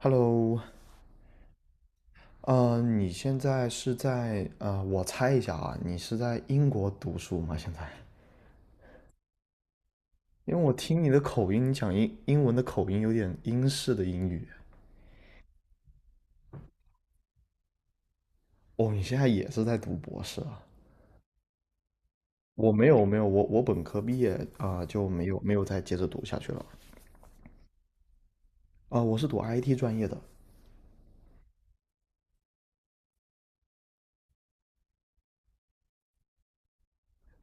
Hello，你现在是在我猜一下啊，你是在英国读书吗？现在？因为我听你的口音，你讲英文的口音有点英式的英语。哦，你现在也是在读博士啊？我没有，没有，我本科毕业啊，就没有再接着读下去了。啊，我是读 IT 专业的。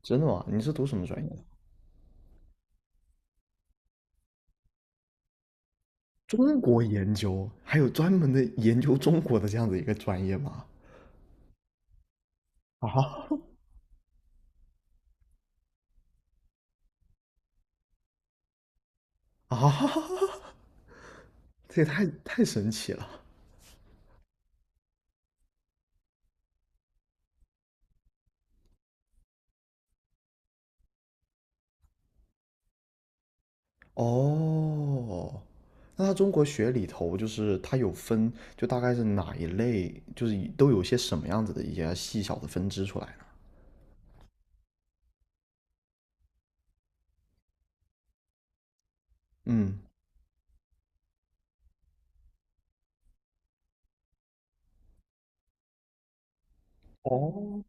真的吗？你是读什么专业的？中国研究，还有专门的研究中国的这样子一个专业吗？啊啊，这也太神奇了。哦，那他中国学里头就是它有分，就大概是哪一类，就是都有些什么样子的一些细小的分支出来呢？嗯，哦，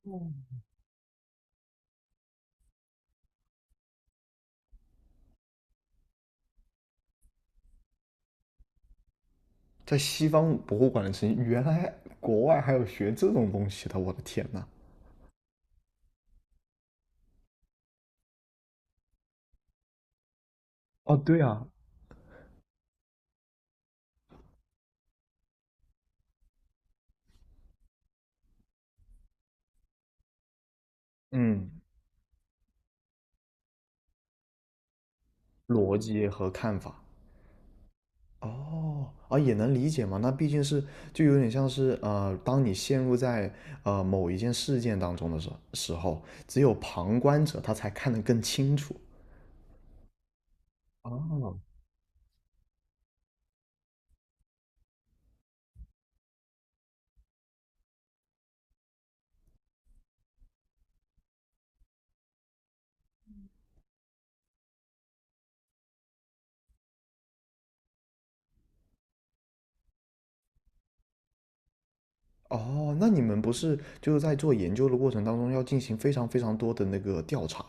在西方博物馆的事情，原来国外还有学这种东西的，我的天呐。哦，对啊，嗯，逻辑和看法。哦，啊，也能理解嘛。那毕竟是，就有点像是，当你陷入在某一件事件当中的时候，只有旁观者他才看得更清楚。哦，哦，那你们不是就是在做研究的过程当中要进行非常非常多的那个调查？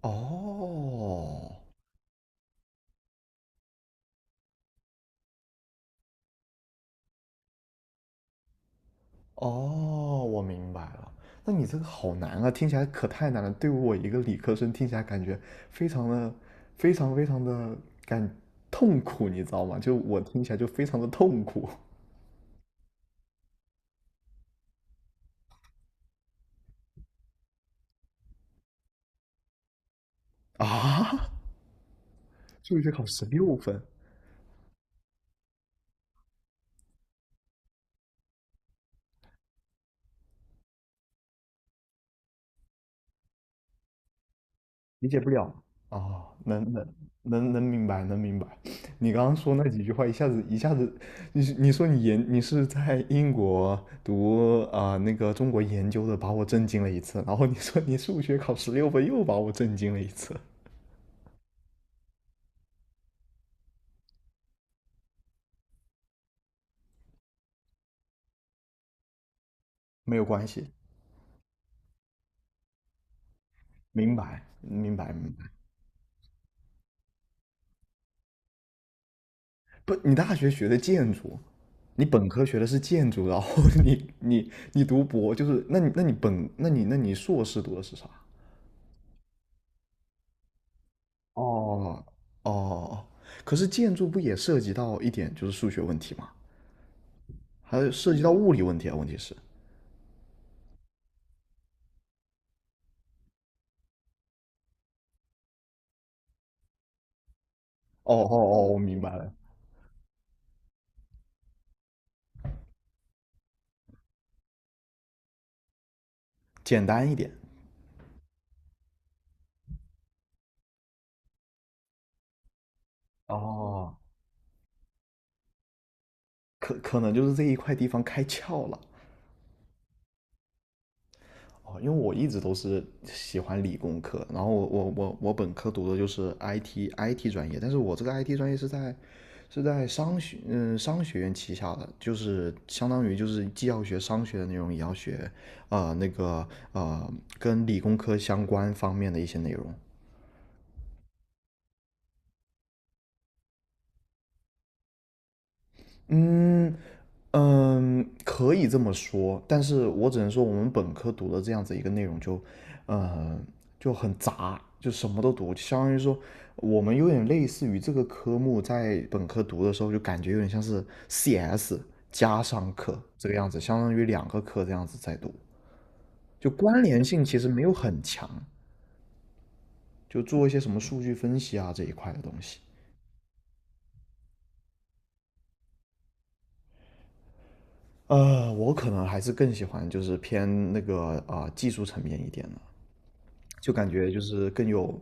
哦，哦，我明白了。那你这个好难啊，听起来可太难了。对我一个理科生听起来感觉非常的、非常非常的感痛苦，你知道吗？就我听起来就非常的痛苦啊！数学考十六分，理解不了，哦，能明白，能明白。你刚刚说那几句话，一下子一下子，你是你说你研你是在英国读那个中国研究的，把我震惊了一次。然后你说你数学考十六分，又把我震惊了一次。没有关系，明白，明白，明白。不，你大学学的建筑，你本科学的是建筑，然后 你读博，就是那你那你本那你那你硕士读的是啥？哦哦，可是建筑不也涉及到一点就是数学问题吗？还有涉及到物理问题啊，问题是，哦哦哦，我明白了，简单一点。哦，可能就是这一块地方开窍了。哦，因为我一直都是喜欢理工科，然后我本科读的就是 IT 专业，但是我这个 IT 专业是在商学院旗下的，就是相当于就是既要学商学的内容，也要学那个呃跟理工科相关方面的一些内容。嗯嗯，可以这么说，但是我只能说我们本科读的这样子一个内容就，呃就很杂，就什么都读，相当于说我们有点类似于这个科目在本科读的时候，就感觉有点像是 CS 加上课这个样子，相当于两个课这样子在读。就关联性其实没有很强，就做一些什么数据分析啊这一块的东西。我可能还是更喜欢就是偏那个技术层面一点的。就感觉就是更有，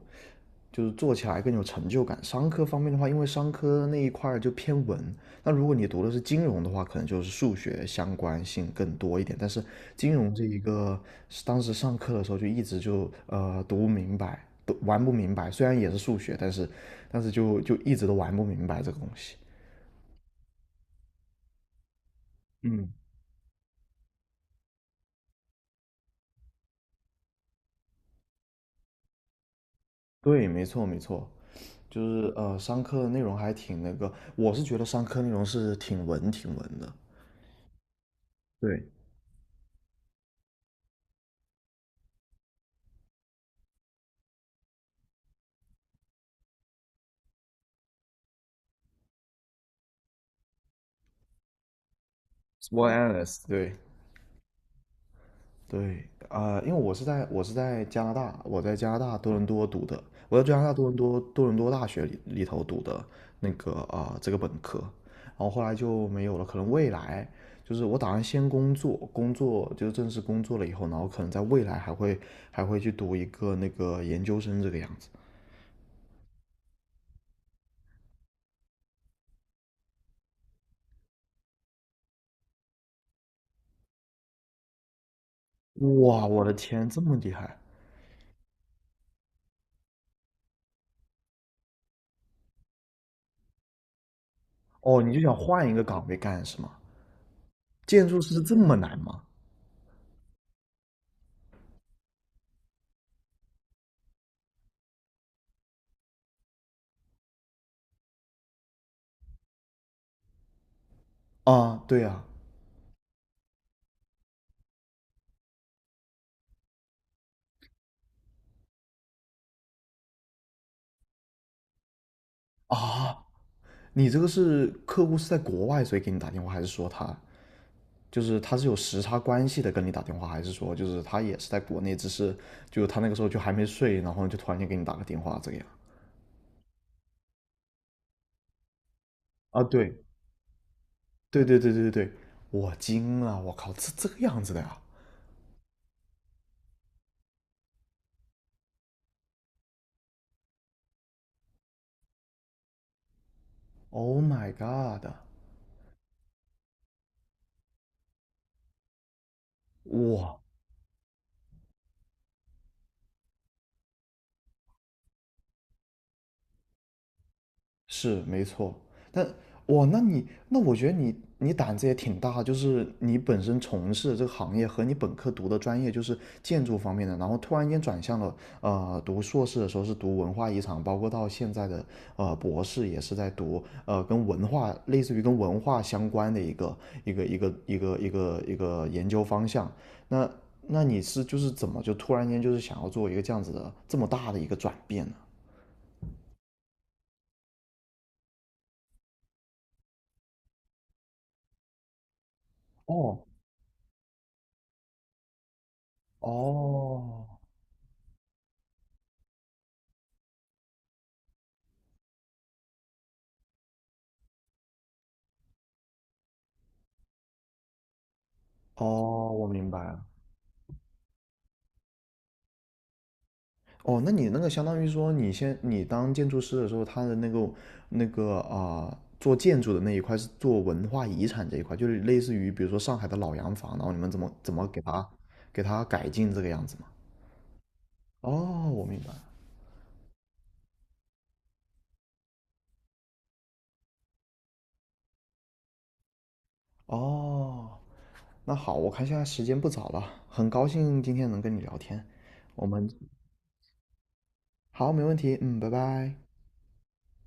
就是做起来更有成就感。商科方面的话，因为商科那一块就偏文，那如果你读的是金融的话，可能就是数学相关性更多一点。但是金融这一个，当时上课的时候就一直就读不明白，都玩不明白。虽然也是数学，但是就一直都玩不明白这个东西。嗯，对，没错没错，就是商科的内容还挺那个，我是觉得商科内容是挺文挺文的。对对。对，因为我是在加拿大，我在加拿大多伦多读的，我在加拿大多伦多多伦多大学里头读的这个本科，然后后来就没有了，可能未来就是我打算先工作，工作就是正式工作了以后，然后可能在未来还会去读一个那个研究生这个样子。哇，我的天，这么厉害！哦，你就想换一个岗位干是吗？建筑师这么难吗？啊，对呀啊，啊，你这个是客户是在国外，所以给你打电话，还是说他是有时差关系的跟你打电话，还是说就是他也是在国内，只是就他那个时候就还没睡，然后就突然间给你打个电话这个样？啊，对对对对对对对，我惊了，我靠，这个样子的呀！Oh my god！哇，是没错。但哇，那我觉得你胆子也挺大，就是你本身从事这个行业和你本科读的专业就是建筑方面的，然后突然间转向了读硕士的时候是读文化遗产，包括到现在的博士也是在读跟文化类似于跟文化相关的一个研究方向。那那你是就是怎么就突然间就是想要做一个这样子的这么大的一个转变呢？哦哦，哦，我明白了。哦，那你那个相当于说，你当建筑师的时候，他的那个做建筑的那一块是做文化遗产这一块，就是类似于比如说上海的老洋房，然后你们怎么给它改进这个样子嘛？哦，我明白了。哦，那好，我看现在时间不早了，很高兴今天能跟你聊天，我们好，没问题，嗯，拜拜。